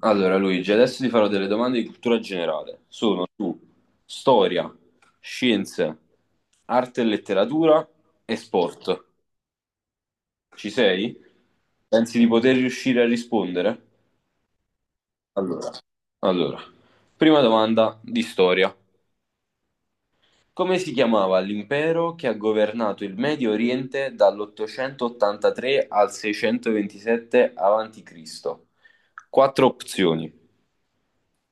Allora, Luigi, adesso ti farò delle domande di cultura generale. Sono su storia, scienze, arte e letteratura e sport. Ci sei? Pensi di poter riuscire a rispondere? Allora, allora, prima domanda di storia. Come si chiamava l'impero che ha governato il Medio Oriente dall'883 al 627 a.C.? Quattro opzioni.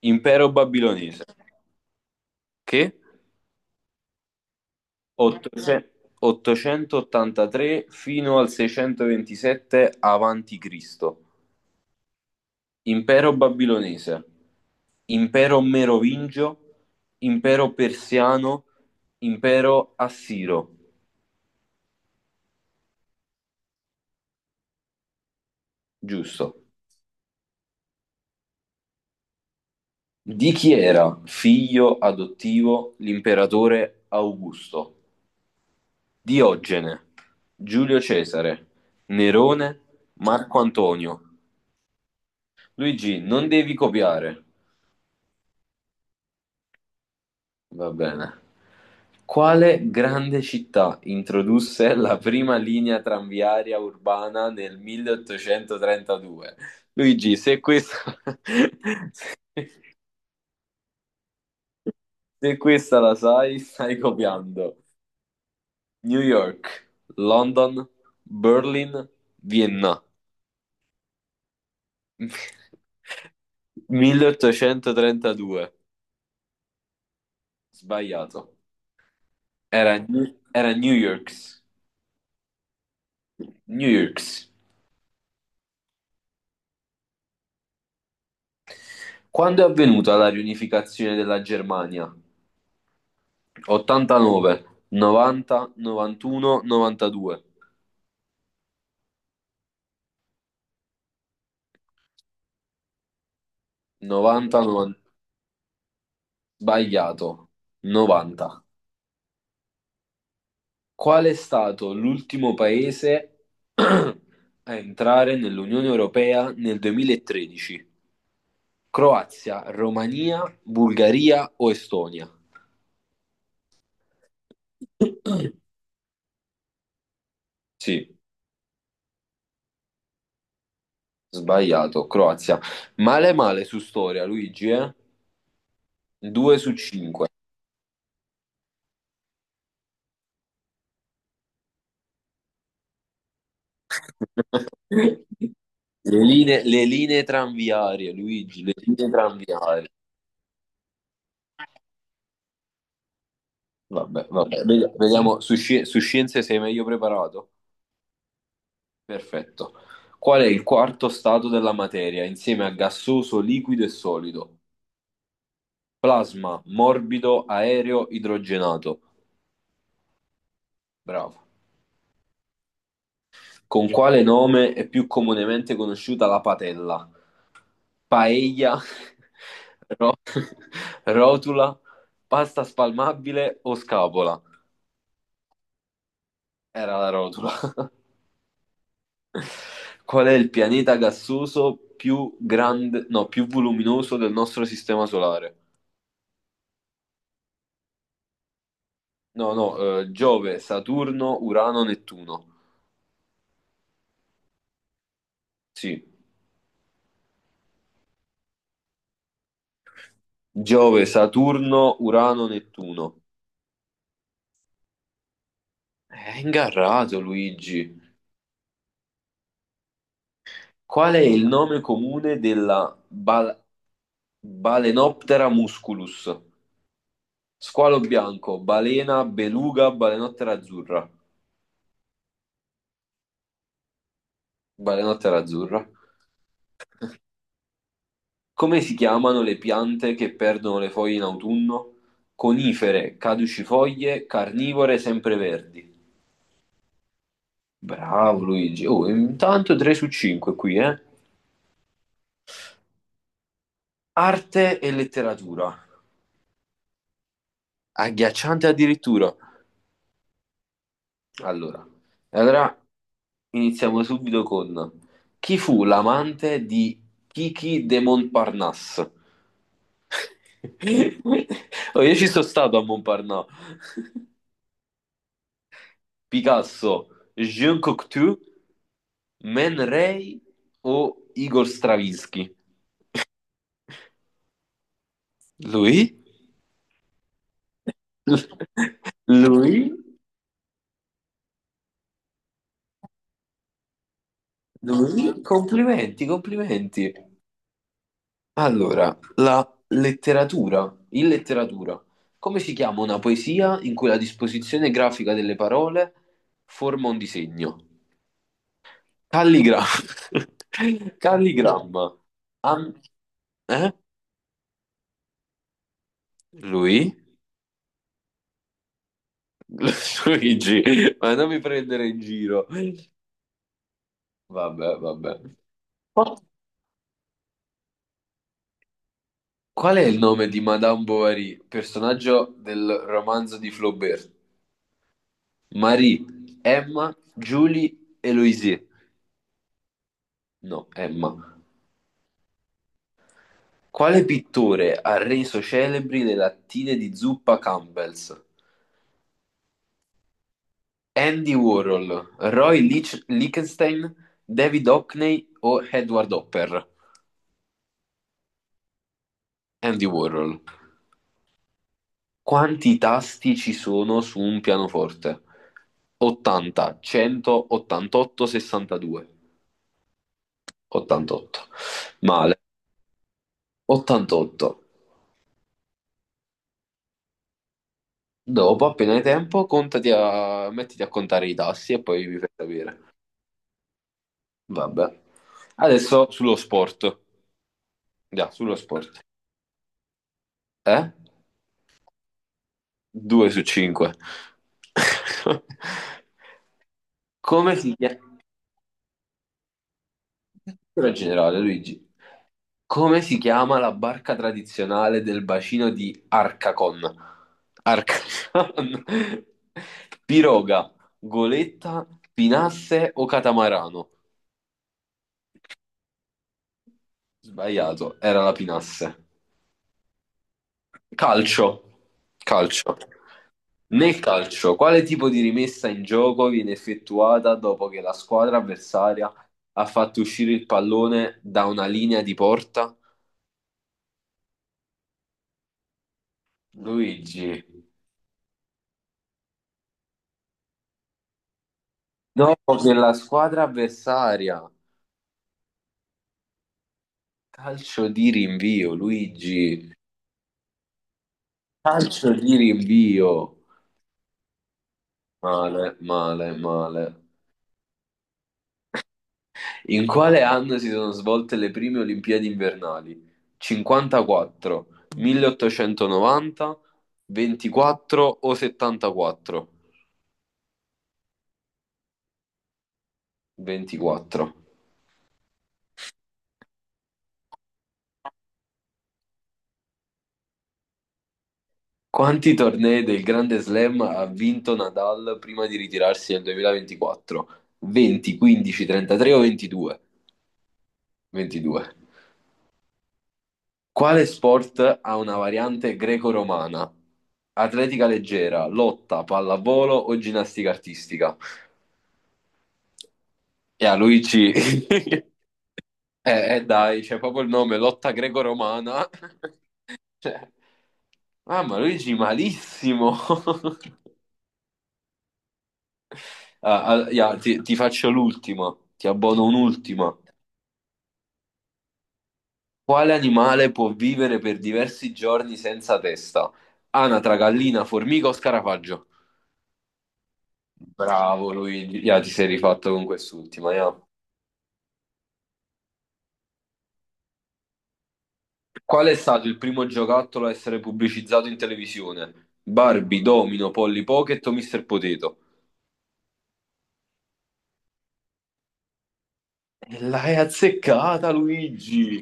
Impero babilonese. Che? 800 883 fino al 627 avanti Cristo, impero babilonese, impero merovingio, impero persiano, impero assiro, giusto. Di chi era figlio adottivo l'imperatore Augusto? Diogene, Giulio Cesare, Nerone, Marco Antonio. Luigi, non devi copiare. Va bene. Quale grande città introdusse la prima linea tranviaria urbana nel 1832? Luigi, se questa, se questa la sai, stai copiando. New York, London, Berlin, Vienna. 1832. Sbagliato. Era, era New York. New York. Quando è avvenuta la riunificazione della Germania? 89, 90, 91, 92, 90, 90 sbagliato, 90. Qual è stato l'ultimo paese a entrare nell'Unione Europea nel 2013? Croazia, Romania, Bulgaria o Estonia? Sì, sbagliato, Croazia. Male male su storia, Luigi, eh? 2 su 5. Le linee tranviarie, Luigi, le linee tranviarie. Vabbè, vabbè. Vediamo, su scienze sei meglio preparato? Perfetto. Qual è il quarto stato della materia insieme a gassoso, liquido e solido? Plasma, morbido, aereo, idrogenato. Bravo. Con quale nome è più comunemente conosciuta la patella? Paella, ro- rotula, pasta spalmabile o scapola? Era la rotula. Qual è il pianeta gassoso più grande, no, più voluminoso del nostro sistema solare? No, no, Giove, Saturno, Urano, Nettuno. Sì, Giove, Saturno, Urano, Nettuno. È ingarrato, Luigi. Qual è il nome comune della Balenoptera musculus? Squalo bianco, balena, beluga, balenottera azzurra. Balenottera azzurra. Come si chiamano le piante che perdono le foglie in autunno? Conifere, caducifoglie, carnivore, sempreverdi. Bravo Luigi. Oh, intanto 3 su 5 qui, eh. Arte e letteratura. Agghiacciante addirittura. Allora, allora, iniziamo subito con chi fu l'amante di Kiki de Montparnasse? Oh, io ci sono stato a Montparnasse. Picasso, Jean Cocteau, Man Ray o Igor Stravinsky? Lui? Lui? Lui? Complimenti, complimenti. Allora, in letteratura, come si chiama una poesia in cui la disposizione grafica delle parole forma un disegno? Calligra- Calligramma. Am- eh? Lui? Luigi, ma non mi prendere in giro. Vabbè, vabbè. Qual è il nome di Madame Bovary, personaggio del romanzo di Flaubert? Marie, Emma, Julie, Eloise. No, Emma. Quale pittore ha reso celebri le lattine di zuppa Campbell's? Andy Warhol, Roy Lichtenstein, David Hockney o Edward Hopper? Andy Warhol. Quanti tasti ci sono su un pianoforte? 80, 100, 88, 62. 88. Male. 88. Dopo, appena hai tempo, mettiti a contare i tassi e poi mi fai sapere. Vabbè. Adesso sullo sport. Già, sullo sport. Eh? 2 su 5. Come si chiama? Cultura generale, Luigi. Come si chiama la barca tradizionale del bacino di Arcacon? Arcacon. Piroga, goletta, pinasse o catamarano? Sbagliato, era la pinasse. Calcio. Calcio. Nel calcio, quale tipo di rimessa in gioco viene effettuata dopo che la squadra avversaria ha fatto uscire il pallone da una linea di porta? Luigi. No, nella squadra avversaria. Calcio di rinvio, Luigi. Calcio di rinvio. Male, male, male. In quale anno si sono svolte le prime Olimpiadi invernali? 54, 1890, 24 o 74? 24. Quanti tornei del Grande Slam ha vinto Nadal prima di ritirarsi nel 2024? 20, 15, 33 o 22? 22. Quale sport ha una variante greco-romana? Atletica leggera, lotta, pallavolo o ginnastica artistica? E a Luigi, eh, dai, c'è proprio il nome, lotta greco-romana. Cioè, mamma, Luigi, malissimo. Ah, ah, ya, ti faccio l'ultima, ti abbono un'ultima. Quale animale può vivere per diversi giorni senza testa? Anatra, gallina, formica o scarafaggio? Bravo Luigi, ya, ti sei rifatto con quest'ultima, ya. Qual è stato il primo giocattolo a essere pubblicizzato in televisione? Barbie, Domino, Polly Pocket o Mr. Potato? E L'hai azzeccata, Luigi!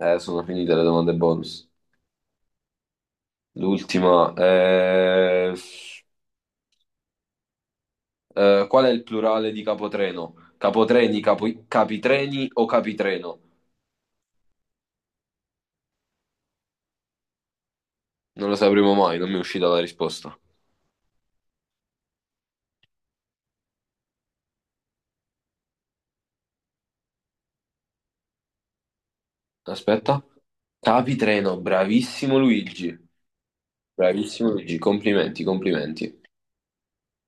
Sono finite le domande bonus. L'ultima. Qual è il plurale di capotreno? Capotreni, capitreni o capitreno? Non lo sapremo mai, non mi è uscita la risposta. Aspetta. Capitreno, bravissimo Luigi. Bravissimo Luigi, complimenti, complimenti.